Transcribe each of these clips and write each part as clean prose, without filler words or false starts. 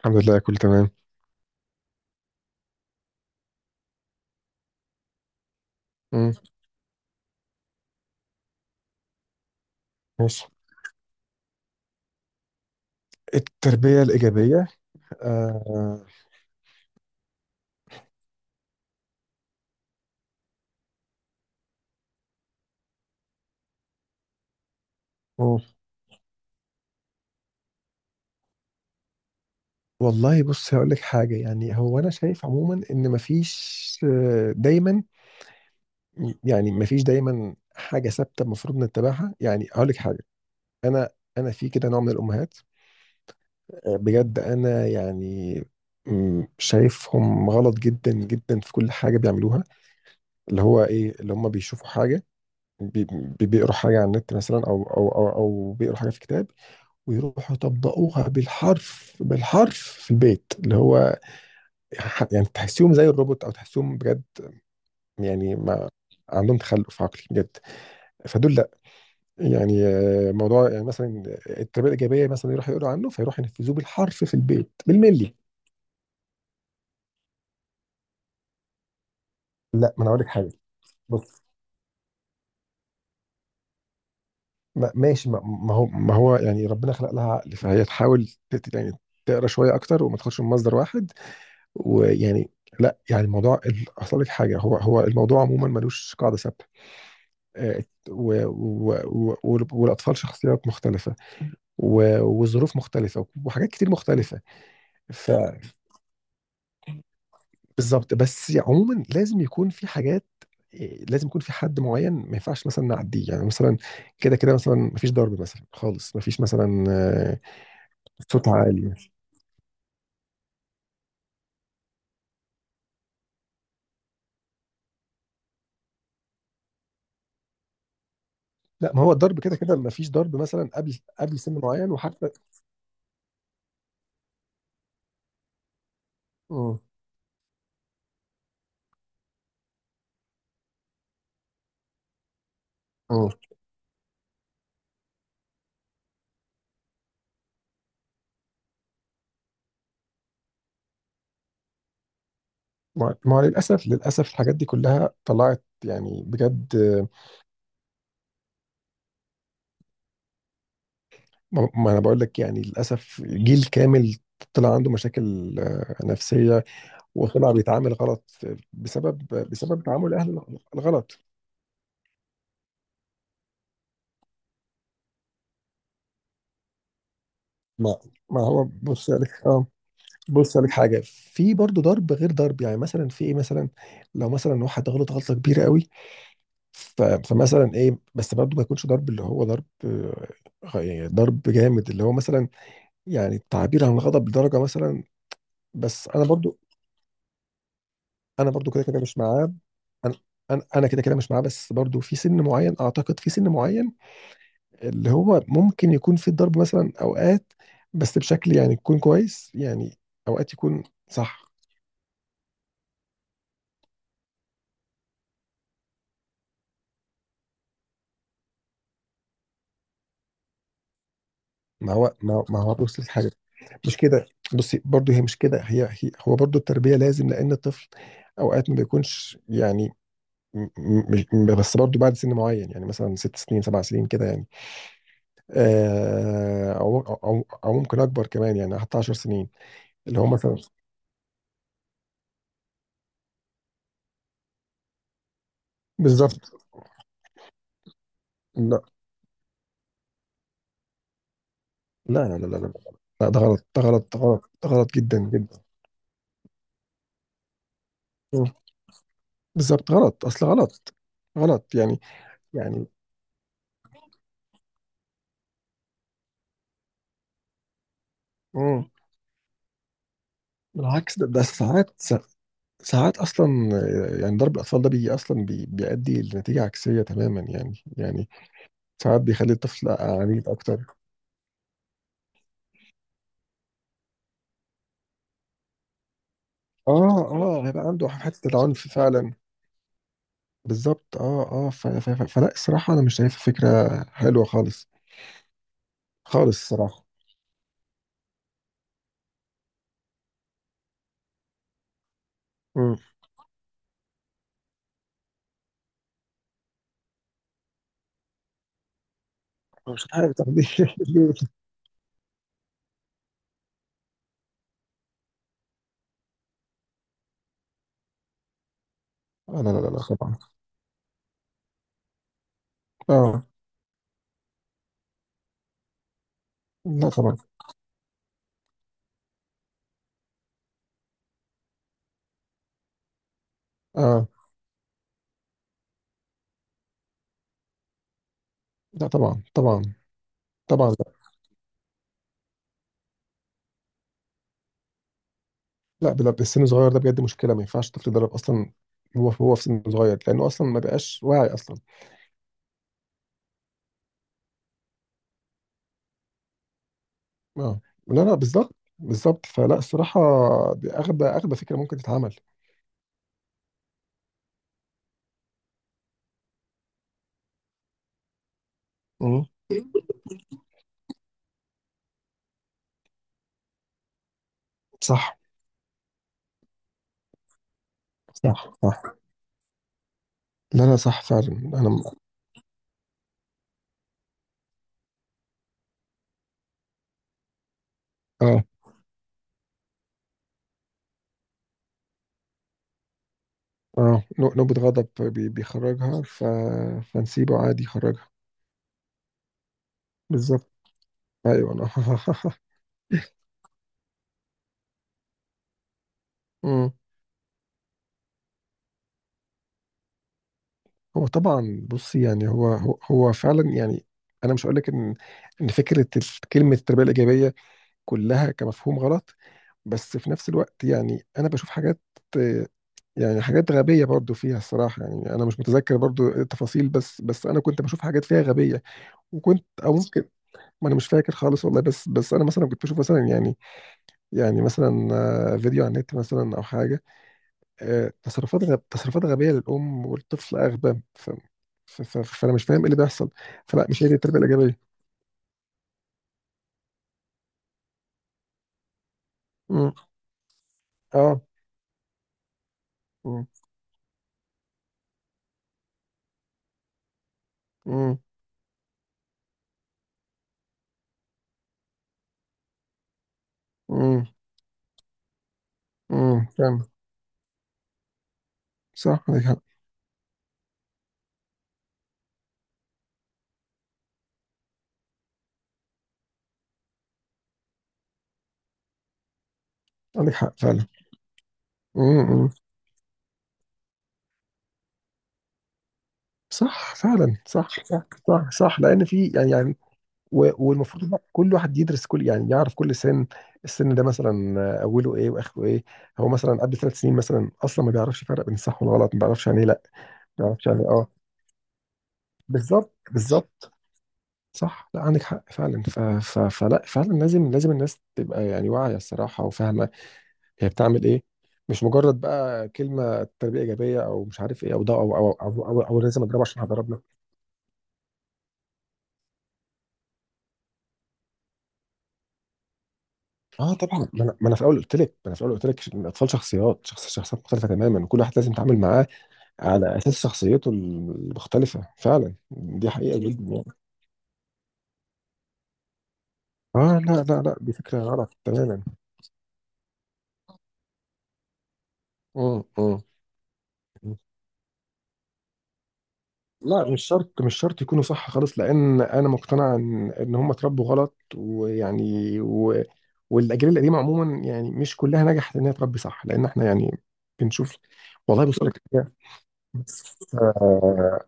الحمد لله كله تمام. مم. ماشي. التربية الإيجابية. آه. أوه. والله بص هقول لك حاجة، يعني هو أنا شايف عموما إن مفيش دايما، يعني مفيش دايما حاجة ثابتة المفروض نتبعها. يعني هقول لك حاجة. أنا أنا في كده نوع من الأمهات. بجد أنا يعني شايفهم غلط جدا جدا في كل حاجة بيعملوها، اللي هو إيه اللي هم بيشوفوا حاجة، بي- بيقروا حاجة على النت مثلا، أو بيقروا حاجة في كتاب ويروحوا يطبقوها بالحرف بالحرف في البيت، اللي هو يعني تحسيهم زي الروبوت او تحسيهم بجد يعني ما عندهم تخلف عقلي بجد. فدول لا، يعني موضوع يعني مثلا التربيه الايجابيه مثلا يروحوا يقولوا عنه فيروحوا ينفذوه بالحرف في البيت بالملي. لا، ما انا اقول لك حاجه، بص، ما ماشي ما هو يعني ربنا خلق لها عقل، فهي تحاول يعني تقرا شويه اكتر وما تاخدش من مصدر واحد، ويعني لا، يعني الموضوع اصل لك حاجه، هو الموضوع عموما ملوش قاعده ثابته. آه، و- والاطفال شخصيات مختلفه وظروف مختلفه وحاجات كتير مختلفه، فبالظبط. بس عموما لازم يكون في حاجات، لازم يكون في حد معين ما ينفعش مثلا نعديه، يعني مثلا كده كده مثلا ما فيش ضرب مثلا خالص، ما فيش مثلا صوت عالي. لا، ما هو الضرب كده كده ما فيش ضرب مثلا قبل سن معين. وحتى مم. مم. ما هو للاسف للاسف الحاجات دي كلها طلعت يعني بجد. ما انا بقول لك، يعني للاسف جيل كامل طلع عنده مشاكل نفسيه، وطلع بيتعامل غلط بسبب تعامل الاهل الغلط. ما ما هو بص لك، اه، بص لك حاجه، في برضه ضرب غير ضرب، يعني مثلا في ايه مثلا لو مثلا واحد غلط غلطه كبيره قوي، فمثلا ايه، بس برضه ما يكونش ضرب اللي هو ضرب، يعني ضرب جامد اللي هو مثلا يعني تعبير عن الغضب لدرجه مثلا. بس انا برضو، انا برضو كده كده مش معاه. انا انا أنا كده كده مش معاه، بس برضو في سن معين، اعتقد في سن معين اللي هو ممكن يكون في الضرب مثلا اوقات، بس بشكل يعني يكون كويس يعني، اوقات يكون صح. ما هو بص لحاجه، مش كده، بصي برضو هي مش كده، هي هو برضو التربيه لازم، لان الطفل اوقات ما بيكونش يعني م- م- بس برضو بعد سن معين، يعني مثلا ست سنين سبع سنين كده، يعني آه، او او او أو ممكن اكبر كمان يعني حتى 10 سنين، اللي هو مثلا بالظبط. لا لا لا لا لا لا لا، ده غلط ده غلط ده غلط ده غلط جدا جدا. مم. بالظبط، غلط اصل، غلط غلط يعني. مم. بالعكس ده ساعات، ساعات اصلا يعني ضرب الاطفال ده بيجي اصلا بيؤدي لنتيجه عكسيه تماما، يعني ساعات بيخلي الطفل عنيد اكتر. اه اه، هيبقى عنده حته العنف فعلا. بالظبط، اه اه، فلا، الصراحه انا مش شايفها فكره حلوه خالص، خالص الصراحه. مم. مش عارف طب ليه آه، لا لا لا لا طبعا. اه، لا طبعا. اه، لا طبعا طبعا. طبعا لا. لا، السن الصغير ده بجد مشكله، ما ينفعش الطفل يتدرب اصلا، هو في سن صغير لانه اصلا ما بقاش واعي اصلا. اه، لا لا بالظبط بالظبط، فلا الصراحه دي اغبى اغبى فكره ممكن تتعمل. مم. صح صح صح. لا لا صح فعلا، انا اه اه، نوبة غضب بيخرجها، فنسيبه عادي يخرجها، بالظبط. ايوه انا مم. هو طبعا، بص، يعني هو فعلا يعني انا مش هقول لك ان، ان فكره كلمه التربيه الايجابيه كلها كمفهوم غلط، بس في نفس الوقت يعني انا بشوف حاجات، آه، يعني حاجات غبيه برضو فيها الصراحه. يعني انا مش متذكر برضو التفاصيل، بس انا كنت بشوف حاجات فيها غبيه، وكنت او ممكن. ما انا مش فاكر خالص والله، بس انا مثلا كنت بشوف مثلا يعني، يعني مثلا فيديو على النت مثلا او حاجه، تصرفات تصرفات غبيه للام والطفل اغبى فانا مش فاهم ايه اللي بيحصل. فلا مش هي دي التربيه الايجابيه. امم. اه. امم. امم. امم. امم. فاهم. صح عندك حق. عندك حق فعلا. امم. أمم. صح فعلا صح صح صح, صح. لان في يعني والمفروض إن كل واحد يدرس كل، يعني يعرف كل سن، السن ده مثلا اوله ايه واخره ايه، هو مثلا قبل ثلاث سنين مثلا اصلا ما بيعرفش يفرق بين الصح والغلط، ما بيعرفش يعني ايه لا، ما بيعرفش يعني إيه. اه، بالظبط بالظبط، صح، لا عندك حق فعلا، فلا فعلا لازم، الناس تبقى يعني واعية الصراحة وفاهمة هي بتعمل ايه، مش مجرد بقى كلمة تربية إيجابية أو مش عارف إيه أو ده، أو لازم أضربه عشان هضربنا. آه طبعا، ما أنا في الأول قلت لك ما أنا في الأول قلت لك إن الأطفال شخصيات شخصيات مختلفة تماما، كل واحد لازم يتعامل معاه على أساس شخصيته المختلفة فعلا، دي حقيقة جدا يعني. آه لا لا لا، دي فكرة غلط تماما. امم. لا، مش شرط مش شرط يكونوا صح خالص، لان انا مقتنع ان هم اتربوا غلط ويعني والاجيال القديمه عموما يعني مش كلها نجحت ان هي تربي صح، لان احنا يعني بنشوف. والله بص لك حاجه، آه،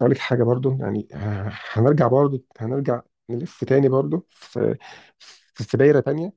اقول لك حاجه برضو يعني، هنرجع برضو هنرجع نلف تاني برضو في دايره تانيه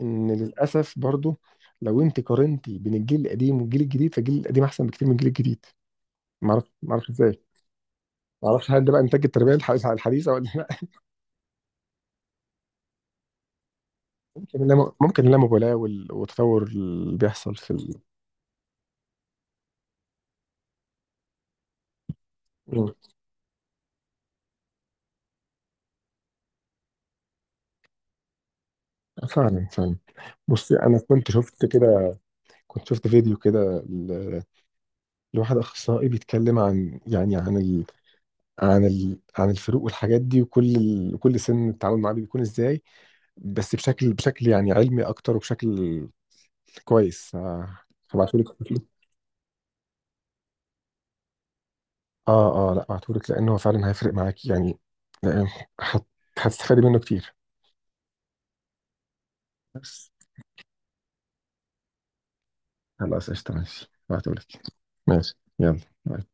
ان للاسف برضو، لو انت قارنتي بين الجيل القديم والجيل الجديد فالجيل القديم احسن بكتير من الجيل الجديد، معرفش معرفش ازاي، ما اعرفش هل ده بقى انتاج التربيه الحديثه ولا لا، ممكن اللامبالاه والتطور اللي بيحصل في مم. فعلا فعلا، بصي انا كنت شفت كده، كنت شفت فيديو كده ل- لواحد اخصائي بيتكلم عن، يعني عن عن عن الفروق والحاجات دي وكل كل سن التعامل معاه بيكون ازاي، بس بشكل يعني علمي اكتر وبشكل كويس. هبعتهولك، اه اه، لا هبعتهولك لانه فعلا هيفرق معاكي يعني، لأن هت- هتستفادي منه كتير، بس خلاص قشطة، ماشي بعتهولك. ماشي يلا باي.